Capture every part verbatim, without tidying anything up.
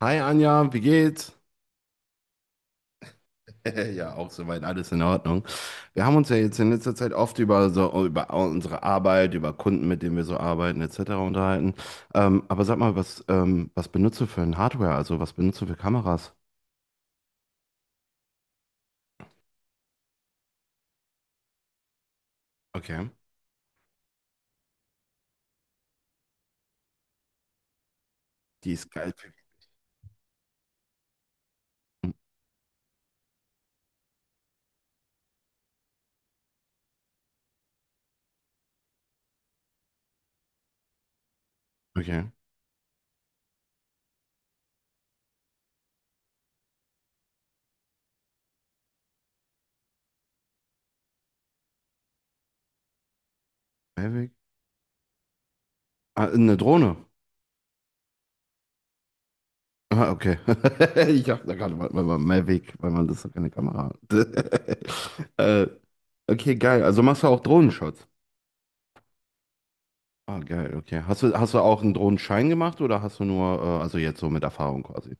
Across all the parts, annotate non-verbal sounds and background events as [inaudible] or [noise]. Hi Anja, wie geht's? [laughs] Ja, auch soweit alles in Ordnung. Wir haben uns ja jetzt in letzter Zeit oft über so über unsere Arbeit, über Kunden, mit denen wir so arbeiten, et cetera unterhalten. Ähm, aber sag mal, was ähm, was benutzt du für ein Hardware? Also was benutzt du für Kameras? Okay. Die Skype. Okay. Mavic. Ah, eine Drohne. Ah, okay. [laughs] Ich dachte gerade mal, mal mal Mavic, weil man das ist doch keine Kamera hat. [laughs] äh, okay, geil. Also machst du auch Drohnenschutz? Ah, geil, okay. Hast du, hast du auch einen Drohnenschein gemacht oder hast du nur, äh, also jetzt so mit Erfahrung quasi?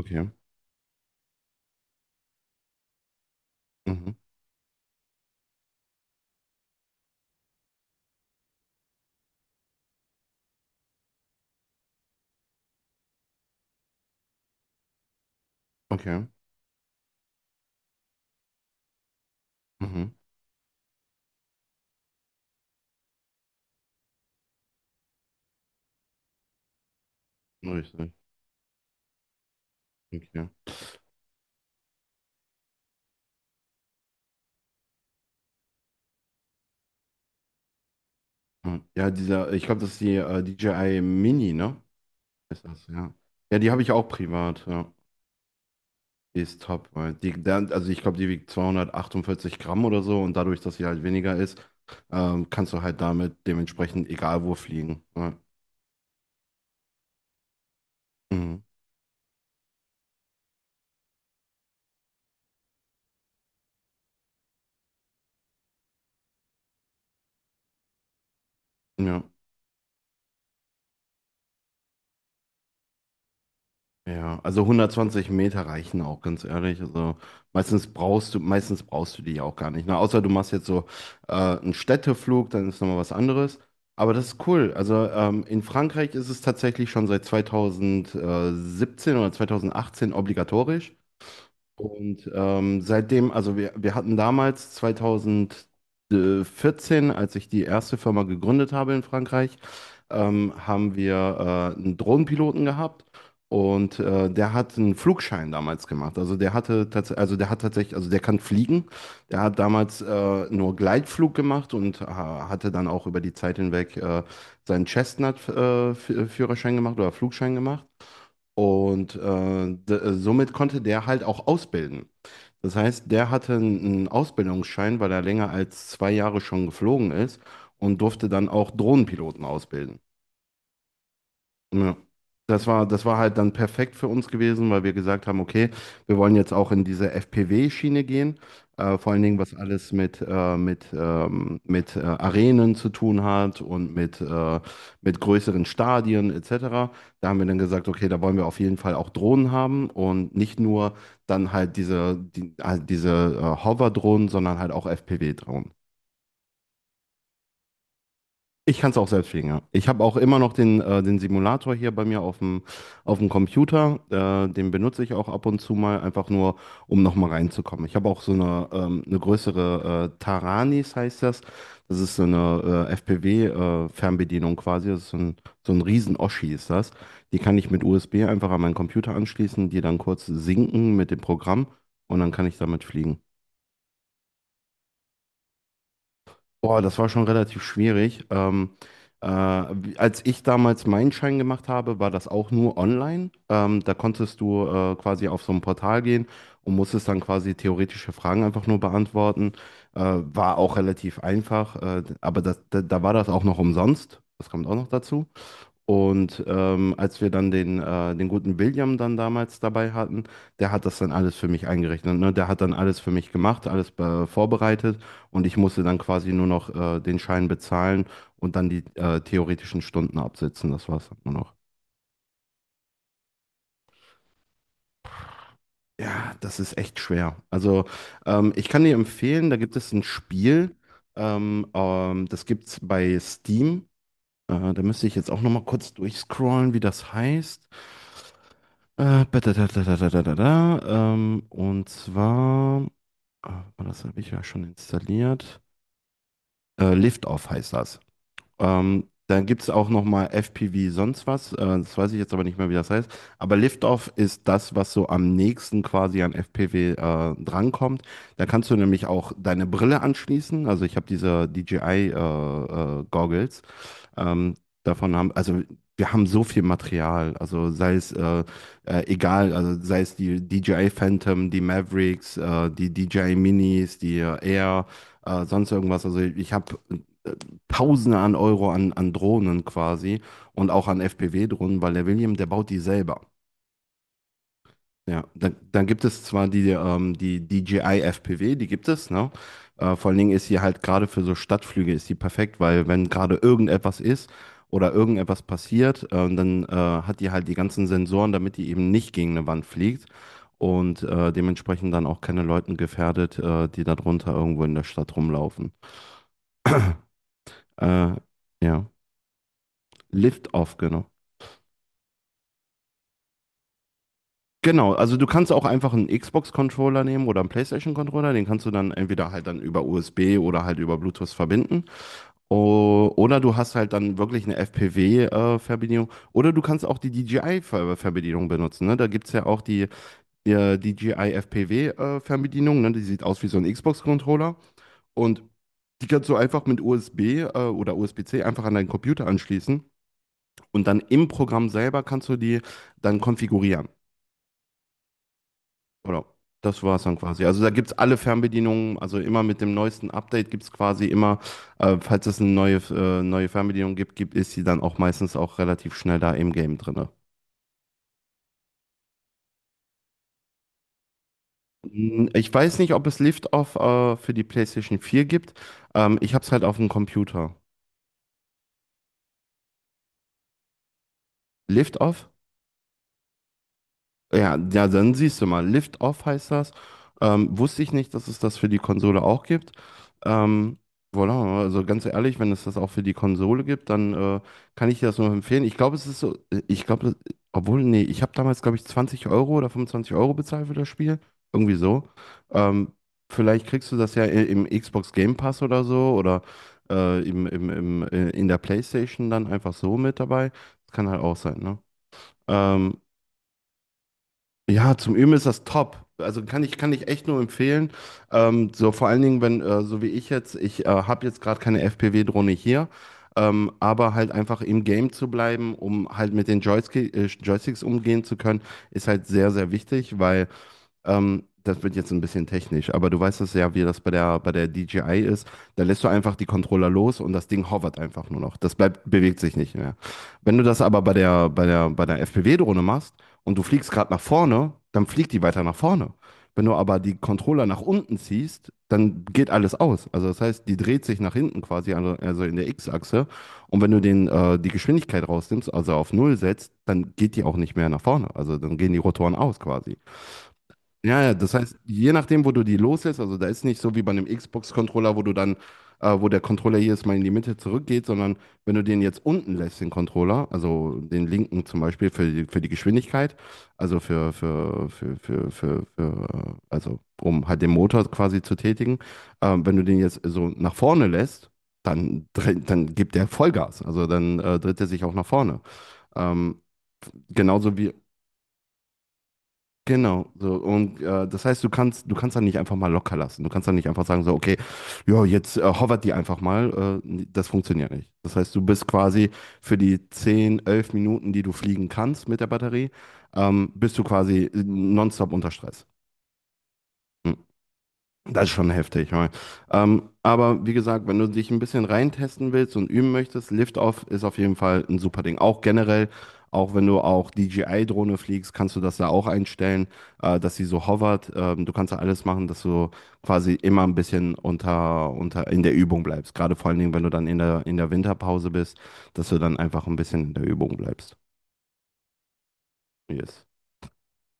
Okay. Mhm. Okay. Mhm. Richtig. Okay. Mhm. Ja, dieser, ich glaube, das ist die äh, D J I Mini, ne? Ist das, ja. Ja, die habe ich auch privat, ja. Die ist top, weil die, dann- also ich glaube, die wiegt zweihundertachtundvierzig Gramm oder so, und dadurch, dass sie halt weniger ist, ähm, kannst du halt damit dementsprechend egal wo fliegen. Ja. Mhm. Ja. Ja, also hundertzwanzig Meter reichen auch, ganz ehrlich. Also meistens brauchst du, meistens brauchst du die ja auch gar nicht. Ne? Außer du machst jetzt so äh, einen Städteflug, dann ist nochmal was anderes. Aber das ist cool. Also ähm, in Frankreich ist es tatsächlich schon seit zwanzig siebzehn oder zweitausendachtzehn obligatorisch. Und ähm, seitdem, also wir, wir hatten damals zwanzig vierzehn, als ich die erste Firma gegründet habe in Frankreich, ähm, haben wir äh, einen Drohnenpiloten gehabt und äh, der hat einen Flugschein damals gemacht. Also der hatte tatsächlich, also der hat tatsächlich, also der kann fliegen. Der hat damals äh, nur Gleitflug gemacht und äh, hatte dann auch über die Zeit hinweg äh, seinen Chestnut-Führerschein gemacht oder Flugschein gemacht. Und äh, d- somit konnte der halt auch ausbilden. Das heißt, der hatte einen Ausbildungsschein, weil er länger als zwei Jahre schon geflogen ist und durfte dann auch Drohnenpiloten ausbilden. Ja. Das war, das war halt dann perfekt für uns gewesen, weil wir gesagt haben, okay, wir wollen jetzt auch in diese F P W-Schiene gehen. Äh, vor allen Dingen, was alles mit, äh, mit, ähm, mit äh, Arenen zu tun hat und mit, äh, mit größeren Stadien et cetera. Da haben wir dann gesagt, okay, da wollen wir auf jeden Fall auch Drohnen haben, und nicht nur dann halt diese, die, halt diese äh, Hover-Drohnen, sondern halt auch F P V-Drohnen. Ich kann es auch selbst fliegen, ja. Ich habe auch immer noch den, äh, den Simulator hier bei mir auf dem, auf dem Computer. Äh, den benutze ich auch ab und zu mal, einfach nur, um nochmal reinzukommen. Ich habe auch so eine, ähm, eine größere äh, Taranis, heißt das. Das ist so eine äh, F P V-Fernbedienung quasi. Das ist so ein, so ein Riesen-Oschi ist das. Die kann ich mit U S B einfach an meinen Computer anschließen, die dann kurz sinken mit dem Programm, und dann kann ich damit fliegen. Boah, das war schon relativ schwierig. Ähm, äh, wie- als ich damals meinen Schein gemacht habe, war das auch nur online. Ähm, da konntest du äh, quasi auf so ein Portal gehen und musstest dann quasi theoretische Fragen einfach nur beantworten. Äh, war auch relativ einfach, äh, aber das, da, da war das auch noch umsonst. Das kommt auch noch dazu. Und ähm, als wir dann den, äh, den guten William dann damals dabei hatten, der hat das dann alles für mich eingerechnet. Ne? Der hat dann alles für mich gemacht, alles äh, vorbereitet, und ich musste dann quasi nur noch äh, den Schein bezahlen und dann die äh, theoretischen Stunden absitzen. Das war's dann nur noch. Ja, das ist echt schwer. Also ähm, ich kann dir empfehlen, da gibt es ein Spiel, ähm, ähm, das gibt's bei Steam. Äh, da müsste ich jetzt auch noch mal kurz durchscrollen, wie das heißt. Äh, badadadadadadada, ähm, und zwar, ah, warte mal, das habe ich ja schon installiert. Äh, Liftoff heißt das. Ähm, dann gibt es auch nochmal F P V sonst was. Äh, das weiß ich jetzt aber nicht mehr, wie das heißt. Aber Liftoff ist das, was so am nächsten quasi an F P V äh, drankommt. Da kannst du nämlich auch deine Brille anschließen. Also ich habe diese D J I-Goggles. Ähm, davon haben, also wir haben so viel Material. Also sei es äh, äh, egal, also sei es die D J I Phantom, die Mavericks, äh, die D J I Minis, die äh, Air, äh, sonst irgendwas. Also ich habe äh, Tausende an Euro an, an Drohnen quasi und auch an F P V-Drohnen, weil der William, der baut die selber. Ja, dann, dann gibt es zwar die, ähm, die D J I F P V, die gibt es, ne? Äh, vor allen Dingen ist sie halt gerade für so Stadtflüge ist die perfekt, weil wenn gerade irgendetwas ist oder irgendetwas passiert, ähm, dann äh, hat die halt die ganzen Sensoren, damit die eben nicht gegen eine Wand fliegt und äh, dementsprechend dann auch keine Leuten gefährdet, äh, die darunter irgendwo in der Stadt rumlaufen. Äh, ja, Liftoff, genau. Genau, also du kannst auch einfach einen Xbox-Controller nehmen oder einen PlayStation-Controller, den kannst du dann entweder halt dann über U S B oder halt über Bluetooth verbinden. O- Oder du hast halt dann wirklich eine fpv verbindung. Oder du kannst auch die D J I-Verbedienung benutzen. Ne? Da gibt es ja auch die, äh, D J I F P V-Verbedienung. Ne? Die sieht aus wie so ein Xbox-Controller. Und die kannst du einfach mit U S B äh, oder U S B-C einfach an deinen Computer anschließen. Und dann im Programm selber kannst du die dann konfigurieren. Oder. Das war es dann quasi. Also da gibt es alle Fernbedienungen, also immer mit dem neuesten Update gibt es quasi immer, äh, falls es eine neue, äh, neue Fernbedienung gibt, gibt, ist sie dann auch meistens auch relativ schnell da im Game drin. Hm, ich weiß nicht, ob es Lift-Off äh, für die PlayStation vier gibt. Ähm, ich habe es halt auf dem Computer. Lift-Off? Ja, ja, dann siehst du mal, Lift Off heißt das. Ähm, wusste ich nicht, dass es das für die Konsole auch gibt. Ähm, voilà, also ganz ehrlich, wenn es das auch für die Konsole gibt, dann äh, kann ich dir das nur empfehlen. Ich glaube, es ist so, ich glaube, das- obwohl, nee, ich habe damals, glaube ich, zwanzig Euro oder fünfundzwanzig Euro bezahlt für das Spiel. Irgendwie so. Ähm, vielleicht kriegst du das ja i- im Xbox Game Pass oder so, oder äh, im, im, im, äh, in der PlayStation dann einfach so mit dabei. Das kann halt auch sein, ne? Ähm, ja, zum Üben ist das top. Also kann ich, kann ich echt nur empfehlen. Ähm, so vor allen Dingen, wenn, äh, so wie ich jetzt, ich äh, habe jetzt gerade keine F P V-Drohne hier, ähm, aber halt einfach im Game zu bleiben, um halt mit den Joystick, äh, Joysticks umgehen zu können, ist halt sehr, sehr wichtig, weil ähm, das wird jetzt ein bisschen technisch, aber du weißt es ja, wie das bei der, bei der D J I ist. Da lässt du einfach die Controller los und das Ding hovert einfach nur noch. Das bleibt, bewegt sich nicht mehr. Wenn du das aber bei der, bei der, bei der F P V-Drohne machst und du fliegst gerade nach vorne, dann fliegt die weiter nach vorne. Wenn du aber die Controller nach unten ziehst, dann geht alles aus. Also das heißt, die dreht sich nach hinten quasi, also also in der X-Achse. Und wenn du den, äh, die Geschwindigkeit rausnimmst, also auf Null setzt, dann geht die auch nicht mehr nach vorne. Also dann gehen die Rotoren aus quasi. Ja, ja, das heißt, je nachdem, wo du die loslässt, also da ist nicht so wie bei einem Xbox-Controller, wo du dann, äh, wo der Controller jedes Mal in die Mitte zurückgeht, sondern wenn du den jetzt unten lässt, den Controller, also den linken zum Beispiel für die, für die Geschwindigkeit, also für, für, für, für, für, für, äh, also um halt den Motor quasi zu tätigen, ähm, wenn du den jetzt so nach vorne lässt, dann, dre- dann gibt der Vollgas, also dann äh, dreht er sich auch nach vorne. Ähm, genauso wie, Genau, so, und äh, das heißt, du kannst du kannst dann nicht einfach mal locker lassen. Du kannst dann nicht einfach sagen so, okay, ja, jetzt äh, hovert die einfach mal. Äh, Das funktioniert nicht. Das heißt, du bist quasi für die zehn, elf Minuten, die du fliegen kannst mit der Batterie, ähm, bist du quasi äh, nonstop unter Stress. Hm. Das ist schon heftig. Ja. Ähm, aber wie gesagt, wenn du dich ein bisschen reintesten willst und üben möchtest, Liftoff ist auf jeden Fall ein super Ding. Auch generell, auch wenn du auch D J I-Drohne fliegst, kannst du das da auch einstellen, äh, dass sie so hovert. Ähm, du kannst da alles machen, dass du quasi immer ein bisschen unter, unter in der Übung bleibst. Gerade vor allen Dingen, wenn du dann in der, in der Winterpause bist, dass du dann einfach ein bisschen in der Übung bleibst. Yes.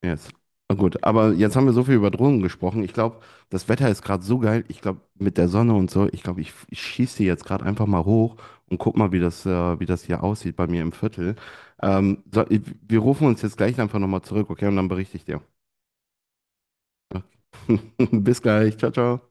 Yes. Na gut, aber jetzt haben wir so viel über Drohnen gesprochen. Ich glaube, das Wetter ist gerade so geil. Ich glaube, mit der Sonne und so, ich glaube, ich, ich schieße die jetzt gerade einfach mal hoch und guck mal, wie das, äh, wie das hier aussieht bei mir im Viertel. Ähm, so, ich- Wir rufen uns jetzt gleich einfach nochmal zurück, okay? Und dann berichte ich dir. [laughs] Bis gleich. Ciao, ciao.